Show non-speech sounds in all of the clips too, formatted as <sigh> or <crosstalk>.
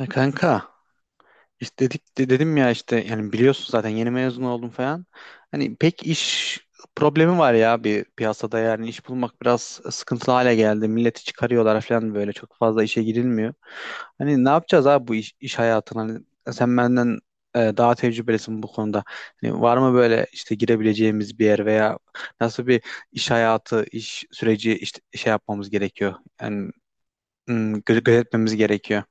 Ya kanka istedik de dedim ya işte yani biliyorsun zaten yeni mezun oldum falan. Hani pek iş problemi var ya bir piyasada, yani iş bulmak biraz sıkıntılı hale geldi. Milleti çıkarıyorlar falan, böyle çok fazla işe girilmiyor. Hani ne yapacağız abi bu iş hayatına? Hani sen benden daha tecrübelisin bu konuda. Hani var mı böyle işte girebileceğimiz bir yer veya nasıl bir iş hayatı, iş süreci işte şey yapmamız gerekiyor? Yani gözetmemiz gerekiyor.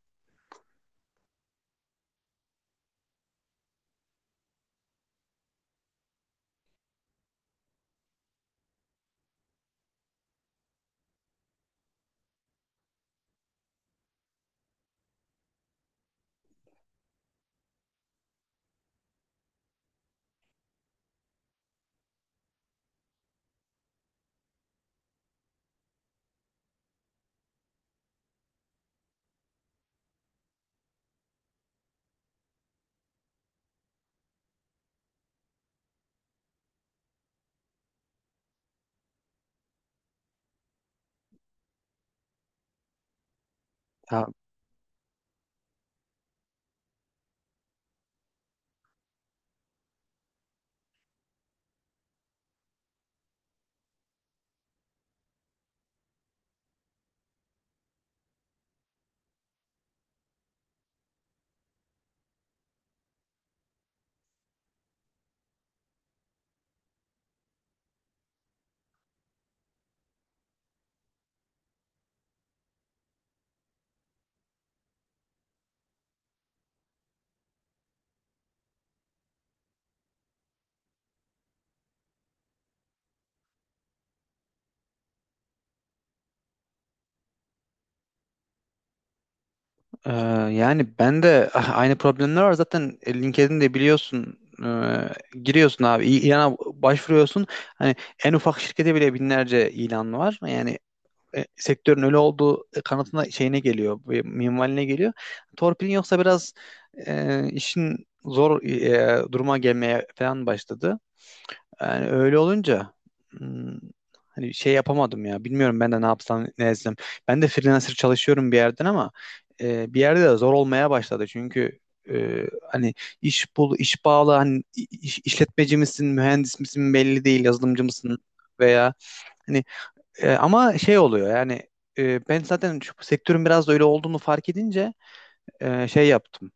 Ee, yani ben de <laughs> aynı problemler var zaten. LinkedIn'de biliyorsun, e, giriyorsun abi, ilana başvuruyorsun, hani en ufak şirkete bile binlerce ilan var. Yani sektörün öyle olduğu kanatına, şeyine geliyor, minvaline geliyor. Torpilin yoksa biraz işin zor duruma gelmeye falan başladı. Yani öyle olunca hmm, hani şey yapamadım ya. Bilmiyorum ben de ne yapsam ne etsem. Ben de freelancer çalışıyorum bir yerden, ama bir yerde de zor olmaya başladı. Çünkü e, hani iş bul, iş bağlı, hani işletmeci misin, mühendis misin belli değil, yazılımcı mısın, veya hani ama şey oluyor yani. Ben zaten şu sektörün biraz da öyle olduğunu fark edince şey yaptım.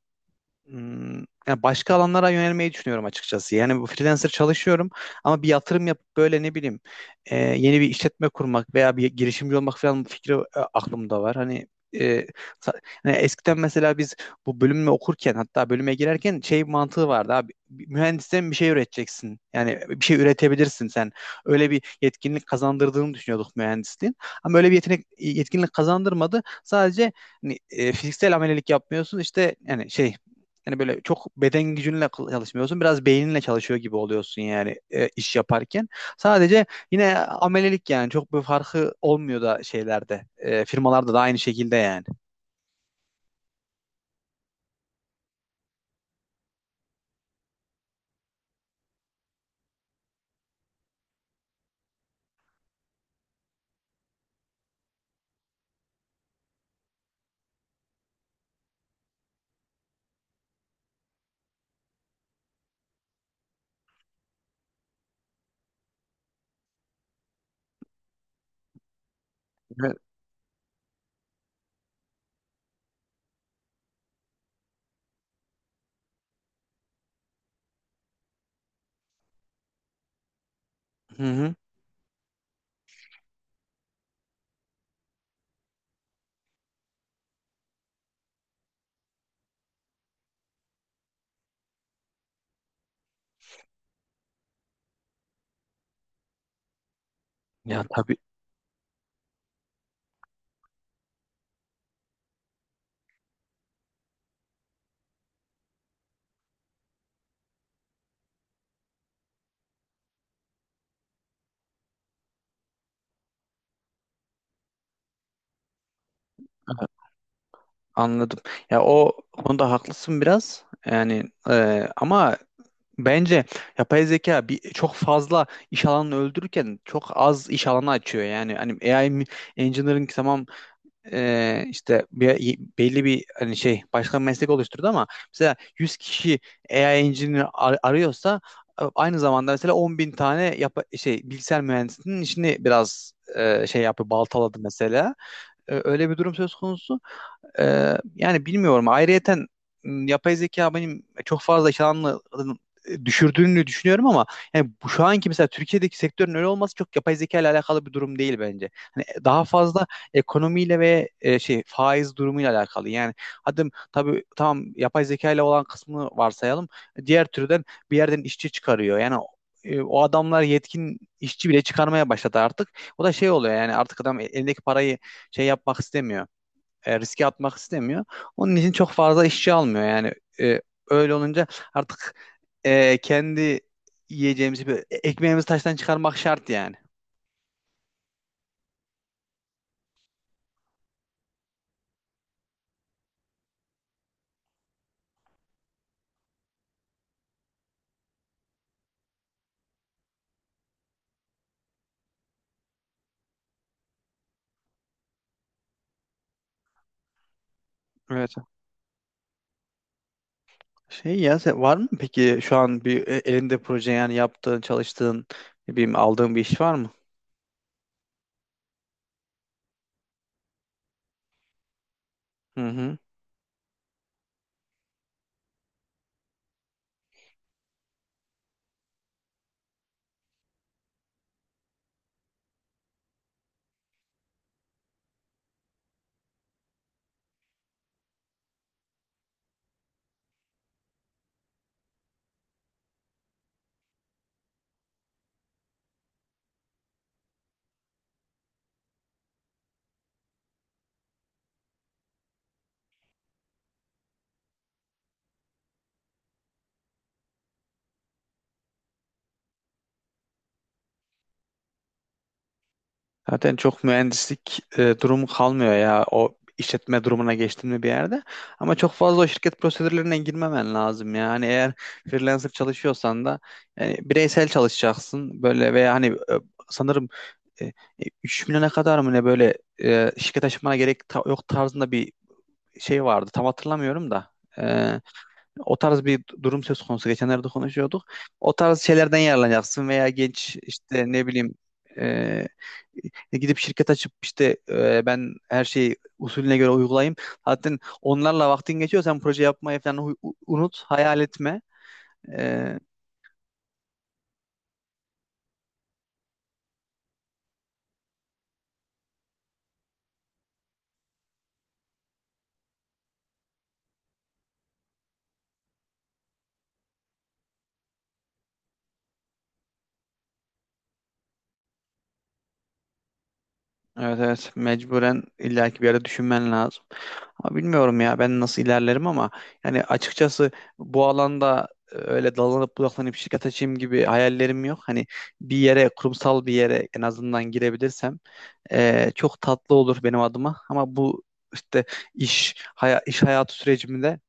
Hmm, yani başka alanlara yönelmeyi düşünüyorum açıkçası. Yani bu, freelancer çalışıyorum ama bir yatırım yapıp, böyle ne bileyim, yeni bir işletme kurmak veya bir girişimci olmak falan fikri aklımda var. Hani e, hani eskiden mesela biz bu bölümü okurken, hatta bölüme girerken şey mantığı vardı abi: mühendisten bir şey üreteceksin. Yani bir şey üretebilirsin sen. Öyle bir yetkinlik kazandırdığını düşünüyorduk mühendisliğin. Ama öyle bir yetenek, yetkinlik kazandırmadı. Sadece hani, fiziksel amelelik yapmıyorsun işte, yani şey, yani böyle çok beden gücünle çalışmıyorsun. Biraz beyninle çalışıyor gibi oluyorsun yani, iş yaparken. Sadece yine amelelik, yani çok bir farkı olmuyor da şeylerde. Firmalarda da aynı şekilde yani. Evet. Hı hı. Ya tabii. e, Anladım. Ya o konuda haklısın biraz. Yani ama bence yapay zeka bir, çok fazla iş alanını öldürürken çok az iş alanı açıyor. Yani hani AI engineering tamam, işte bir, belli bir hani şey başka bir meslek oluşturdu. Ama mesela 100 kişi AI engineer arıyorsa, aynı zamanda mesela 10 bin tane şey bilgisayar mühendisinin işini biraz şey yapıyor, baltaladı mesela. Öyle bir durum söz konusu. Yani bilmiyorum. Ayrıyeten yapay zeka benim çok fazla iş alanını düşürdüğünü düşünüyorum. Ama yani bu şu anki mesela Türkiye'deki sektörün öyle olması çok yapay zeka ile alakalı bir durum değil bence. Hani daha fazla ekonomiyle ve şey faiz durumuyla alakalı. Yani hadi tabii tamam, yapay zeka ile olan kısmını varsayalım. Diğer türden bir yerden işçi çıkarıyor. Yani o adamlar yetkin işçi bile çıkarmaya başladı artık. O da şey oluyor yani, artık adam elindeki parayı şey yapmak istemiyor, riske atmak istemiyor. Onun için çok fazla işçi almıyor. Yani e, öyle olunca artık kendi yiyeceğimizi ekmeğimizi taştan çıkarmak şart yani. Evet. Şey, ya var mı peki şu an bir elinde proje, yani yaptığın, çalıştığın, ne bileyim aldığın bir iş var mı? Hı hı. Zaten çok mühendislik durumu kalmıyor ya, o işletme durumuna geçtin mi bir yerde. Ama çok fazla o şirket prosedürlerine girmemen lazım ya. Hani eğer freelancer çalışıyorsan da, yani bireysel çalışacaksın böyle, veya hani sanırım e, 3 milyona kadar mı ne, böyle şirket açmana gerek yok tarzında bir şey vardı. Tam hatırlamıyorum da. E, o tarz bir durum söz konusu. Geçenlerde konuşuyorduk. O tarz şeylerden yararlanacaksın, veya genç işte, ne bileyim, e, gidip şirket açıp işte ben her şeyi usulüne göre uygulayayım. Zaten onlarla vaktin geçiyor. Sen proje yapmayı falan unut, hayal etme. Evet, evet, mecburen, illaki bir yere düşünmen lazım. Ama bilmiyorum ya, ben nasıl ilerlerim, ama yani açıkçası bu alanda öyle dalanıp budaklanıp şirket açayım gibi hayallerim yok. Hani bir yere, kurumsal bir yere en azından girebilirsem çok tatlı olur benim adıma. Ama bu işte, iş iş hayatı sürecimde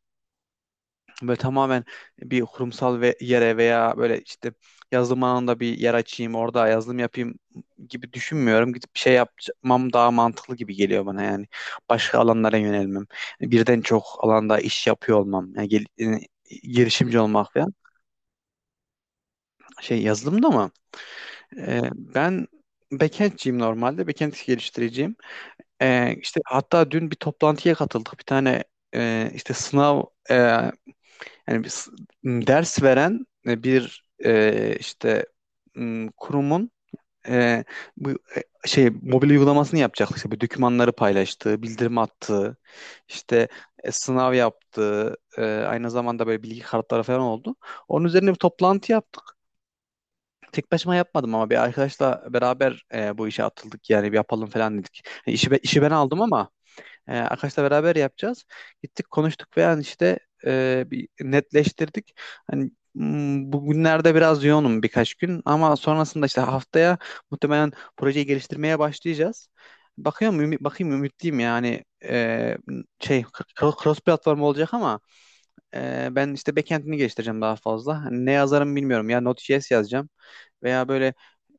böyle tamamen bir kurumsal ve yere, veya böyle işte yazılım alanında bir yer açayım, orada yazılım yapayım gibi düşünmüyorum. Gidip bir şey yapmam daha mantıklı gibi geliyor bana yani. Başka alanlara yönelmem. Yani birden çok alanda iş yapıyor olmam. Yani yani girişimci olmak falan. Şey, yazılımda mı? Ben backend'ciyim normalde. Backend geliştireceğim. İşte hatta dün bir toplantıya katıldık. Bir tane işte sınav, yani bir ders veren bir işte kurumun e, bu şey mobil uygulamasını yapacaktık. İşte bu, dokümanları paylaştığı, bildirim attığı, işte sınav yaptığı, aynı zamanda böyle bilgi kartları falan oldu. Onun üzerine bir toplantı yaptık. Tek başıma yapmadım, ama bir arkadaşla beraber bu işe atıldık, yani bir yapalım falan dedik. Yani işi ben aldım, ama Akaş'la beraber yapacağız. Gittik konuştuk ve yani işte bir netleştirdik. Hani bugünlerde biraz yoğunum birkaç gün, ama sonrasında işte haftaya muhtemelen projeyi geliştirmeye başlayacağız. Bakıyorum, bakayım, ümitliyim yani. Şey, cross platform olacak, ama ben işte backend'ini geliştireceğim daha fazla. Hani ne yazarım bilmiyorum ya, Node.js yazacağım veya böyle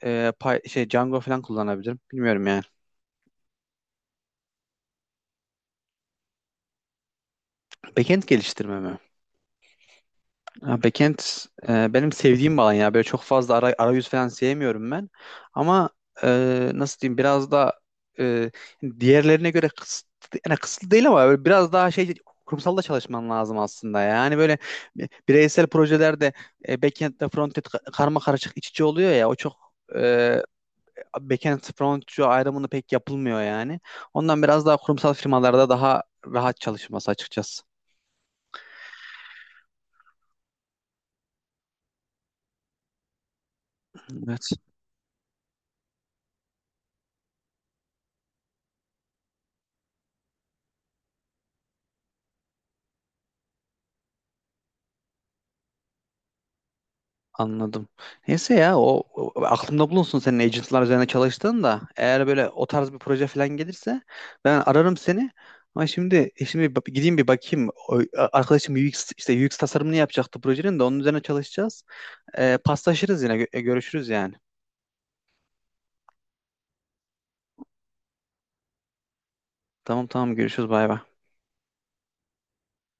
e, şey Django falan kullanabilirim. Bilmiyorum yani. Backend geliştirme mi? Ya backend benim sevdiğim bir alan ya. Böyle çok fazla arayüz falan sevmiyorum ben. Ama nasıl diyeyim, biraz da e, diğerlerine göre kısıtlı, yani kısıtlı değil ama böyle biraz daha şey, kurumsalda çalışman lazım aslında. Yani böyle bireysel projelerde backend'le frontend karma karışık iç içe oluyor ya, o çok backend frontend ayrımını pek yapılmıyor yani. Ondan biraz daha kurumsal firmalarda daha rahat çalışması açıkçası. Evet. Anladım. Neyse ya, aklımda bulunsun senin agentlar üzerine çalıştığın da, eğer böyle o tarz bir proje falan gelirse ben ararım seni. Ama şimdi şimdi bir gideyim bir bakayım. O, arkadaşım UX, işte UX tasarımını yapacaktı projenin, de onun üzerine çalışacağız. Paslaşırız, yine görüşürüz yani. Tamam, tamam, görüşürüz, bay bay.